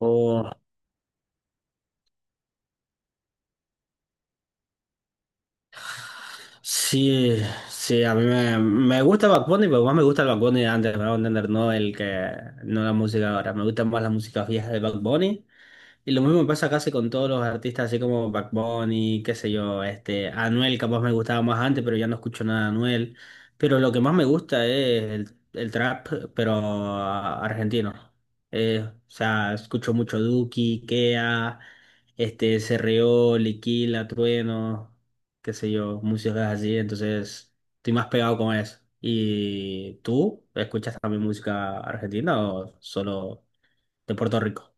Oh, sí, sí, a mí me gusta Bad Bunny, pero más me gusta el Bad Bunny de antes, me voy a entender, no la música ahora, me gusta más la música vieja de Bad Bunny. Y lo mismo pasa casi con todos los artistas, así como Bad Bunny, qué sé yo, Anuel capaz me gustaba más antes, pero ya no escucho nada de Anuel. Pero lo que más me gusta es el trap, pero argentino. O sea, escucho mucho Duki, Kea, Serrió, Liquila, Trueno, qué sé yo, músicas así, entonces estoy más pegado con eso. ¿Y tú escuchas también música argentina o solo de Puerto Rico?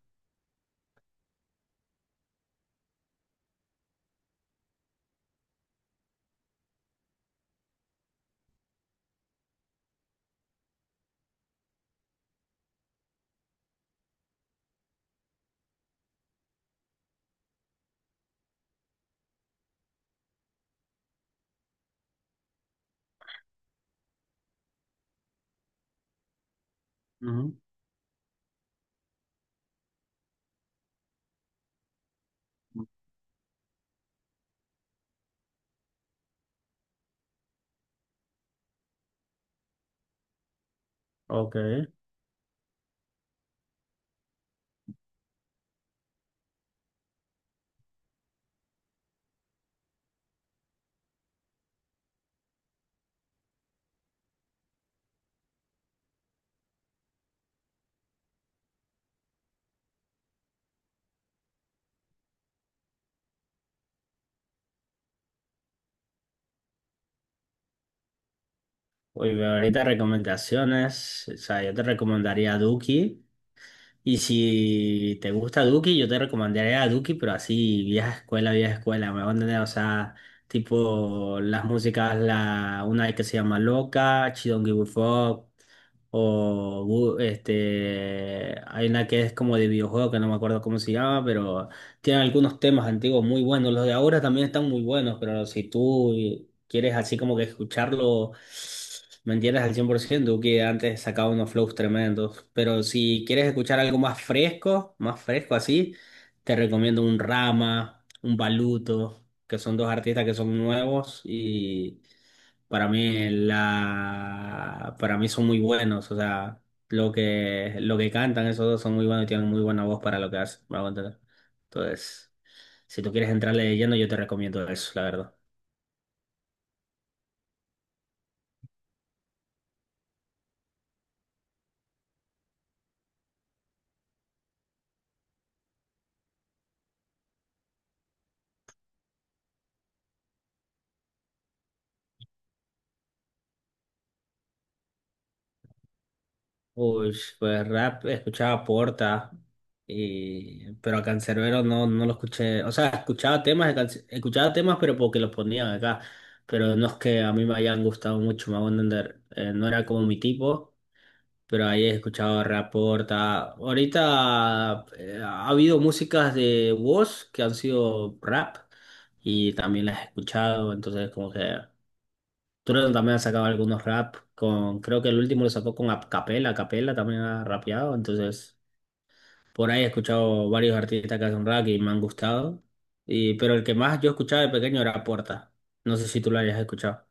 Ujú. Ok. Uy, ahorita recomendaciones. O sea, yo te recomendaría Duki. Y si te gusta Duki, yo te recomendaría a Duki, pero así, vieja escuela, me van a entender. O sea, tipo las músicas, una que se llama Loca, She Don't Give a Fuck. Hay una que es como de videojuego que no me acuerdo cómo se llama, pero tiene algunos temas antiguos muy buenos. Los de ahora también están muy buenos, pero si tú quieres así como que escucharlo, me entiendes al 100% que antes sacaba unos flows tremendos. Pero si quieres escuchar algo más fresco así, te recomiendo un Rama, un Baluto, que son dos artistas que son nuevos y para mí son muy buenos, o sea, lo que cantan esos dos son muy buenos y tienen muy buena voz para lo que hacen, me hago entender. Entonces, si tú quieres entrarle de lleno, yo te recomiendo eso, la verdad. Uy, pues rap escuchaba Porta, pero a Canserbero no, no lo escuché. O sea, escuchaba temas, escuchaba temas, pero porque los ponían acá. Pero no es que a mí me hayan gustado mucho, me hago entender. No era como mi tipo, pero ahí he escuchado rap Porta. Ahorita ha habido músicas de Woz que han sido rap y también las he escuchado, entonces como que. Trueno también ha sacado algunos rap con, creo que el último lo sacó con a Capela también ha rapeado, entonces por ahí he escuchado varios artistas que hacen rap y me han gustado. Pero el que más yo escuchaba de pequeño era Porta. No sé si tú lo hayas escuchado.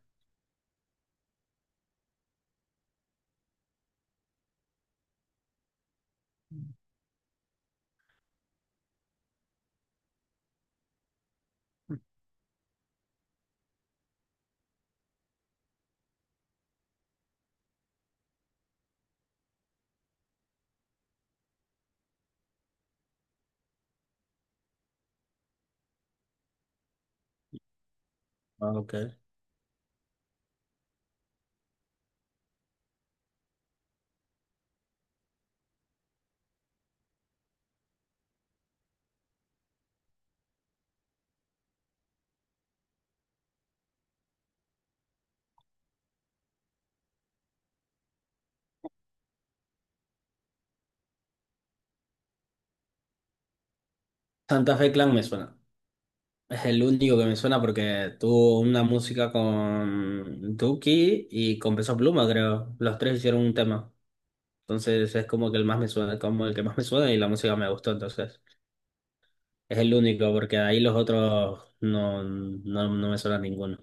Ah, ok. Santa Fe Clan me suena. Es el único que me suena porque tuvo una música con Duki y con Peso Pluma, creo. Los tres hicieron un tema. Entonces es como el que más me suena y la música me gustó entonces. Es el único, porque de ahí los otros no me suena ninguno.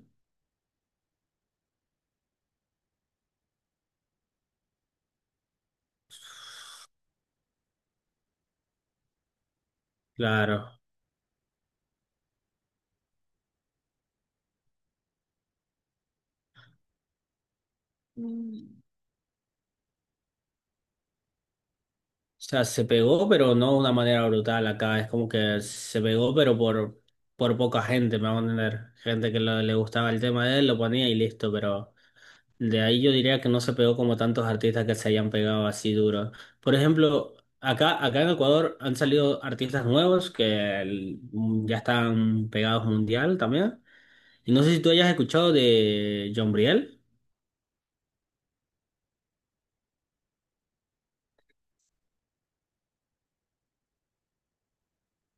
Claro. Mm. O sea, se pegó, pero no de una manera brutal acá. Es como que se pegó, pero por poca gente, me van a entender. Gente que le gustaba el tema de él, lo ponía y listo. Pero de ahí yo diría que no se pegó como tantos artistas que se hayan pegado así duro. Por ejemplo, acá en Ecuador han salido artistas nuevos que ya están pegados mundial también. Y no sé si tú hayas escuchado de John Briel.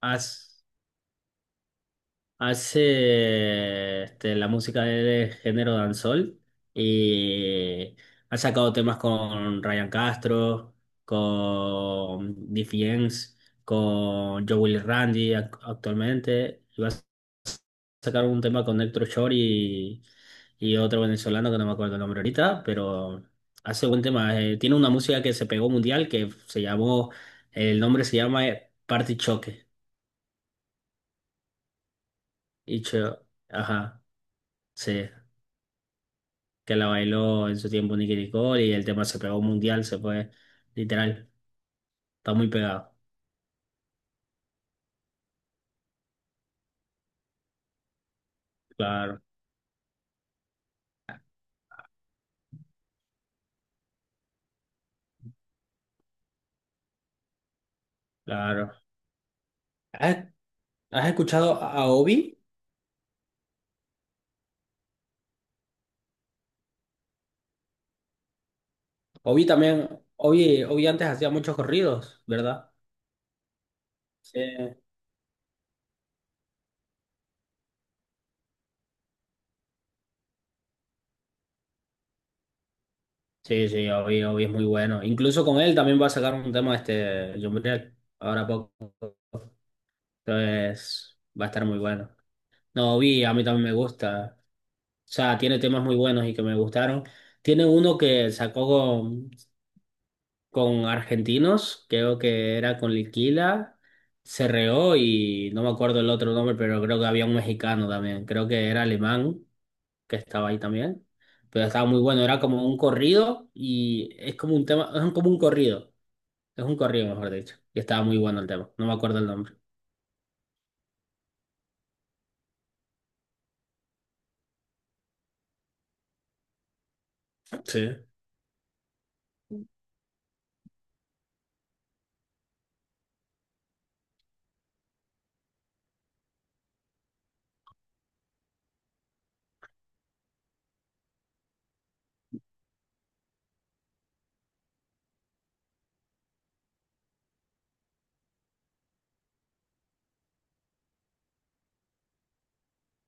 Haz- Hace la música de género dancehall y ha sacado temas con Ryan Castro, con Diffie Yanks, con Joe Willy Randy actualmente. Y va a sacar un tema con Héctor Shore y otro venezolano que no me acuerdo el nombre ahorita, pero hace buen tema. Tiene una música que se pegó mundial que se llamó, el nombre se llama Party Choque. Ajá. Sí, que la bailó en su tiempo Nicky Nicole y el tema se pegó mundial, se fue literal, está muy pegado. Claro, claro. ¿Has, has escuchado a Obi? Obi también, Obi antes hacía muchos corridos, ¿verdad? Sí. Sí, sí, Obi es muy bueno. Incluso con él también va a sacar un tema este John Briel, ahora poco. Entonces, va a estar muy bueno. No, Obi, a mí también me gusta. O sea, tiene temas muy buenos y que me gustaron. Tiene uno que sacó con argentinos, creo que era con Liquila, Cerreó y no me acuerdo el otro nombre, pero creo que había un mexicano también, creo que era alemán que estaba ahí también, pero estaba muy bueno, era como un corrido y es como un tema, es un corrido mejor dicho, y estaba muy bueno el tema, no me acuerdo el nombre. Sí.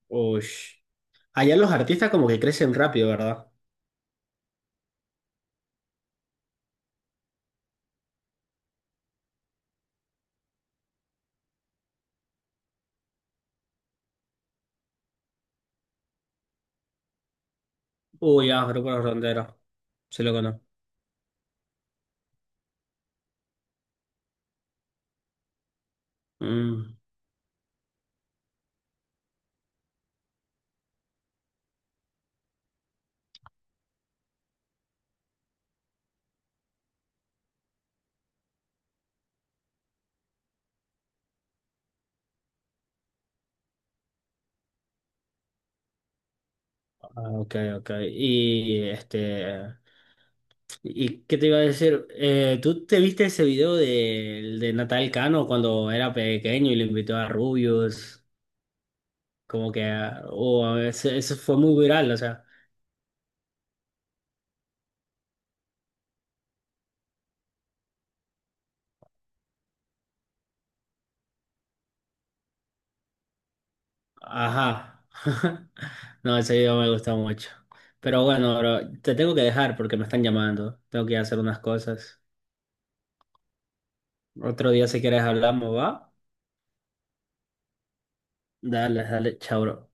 Uy. Allá los artistas como que crecen rápido, ¿verdad? Uy, ya, grupo Los Ronderos, sí lo conozco. Mm. Ah, ok, ok. ¿Y qué te iba a decir? ¿Tú te viste ese video de Natal Cano cuando era pequeño y le invitó a Rubius? Como que, ah, oh, a ver, ese fue muy viral, o sea, ajá. No, ese video me gustó mucho. Pero bueno, bro, te tengo que dejar porque me están llamando. Tengo que ir a hacer unas cosas. Otro día si quieres hablamos, ¿va? Dale, dale, chao, bro.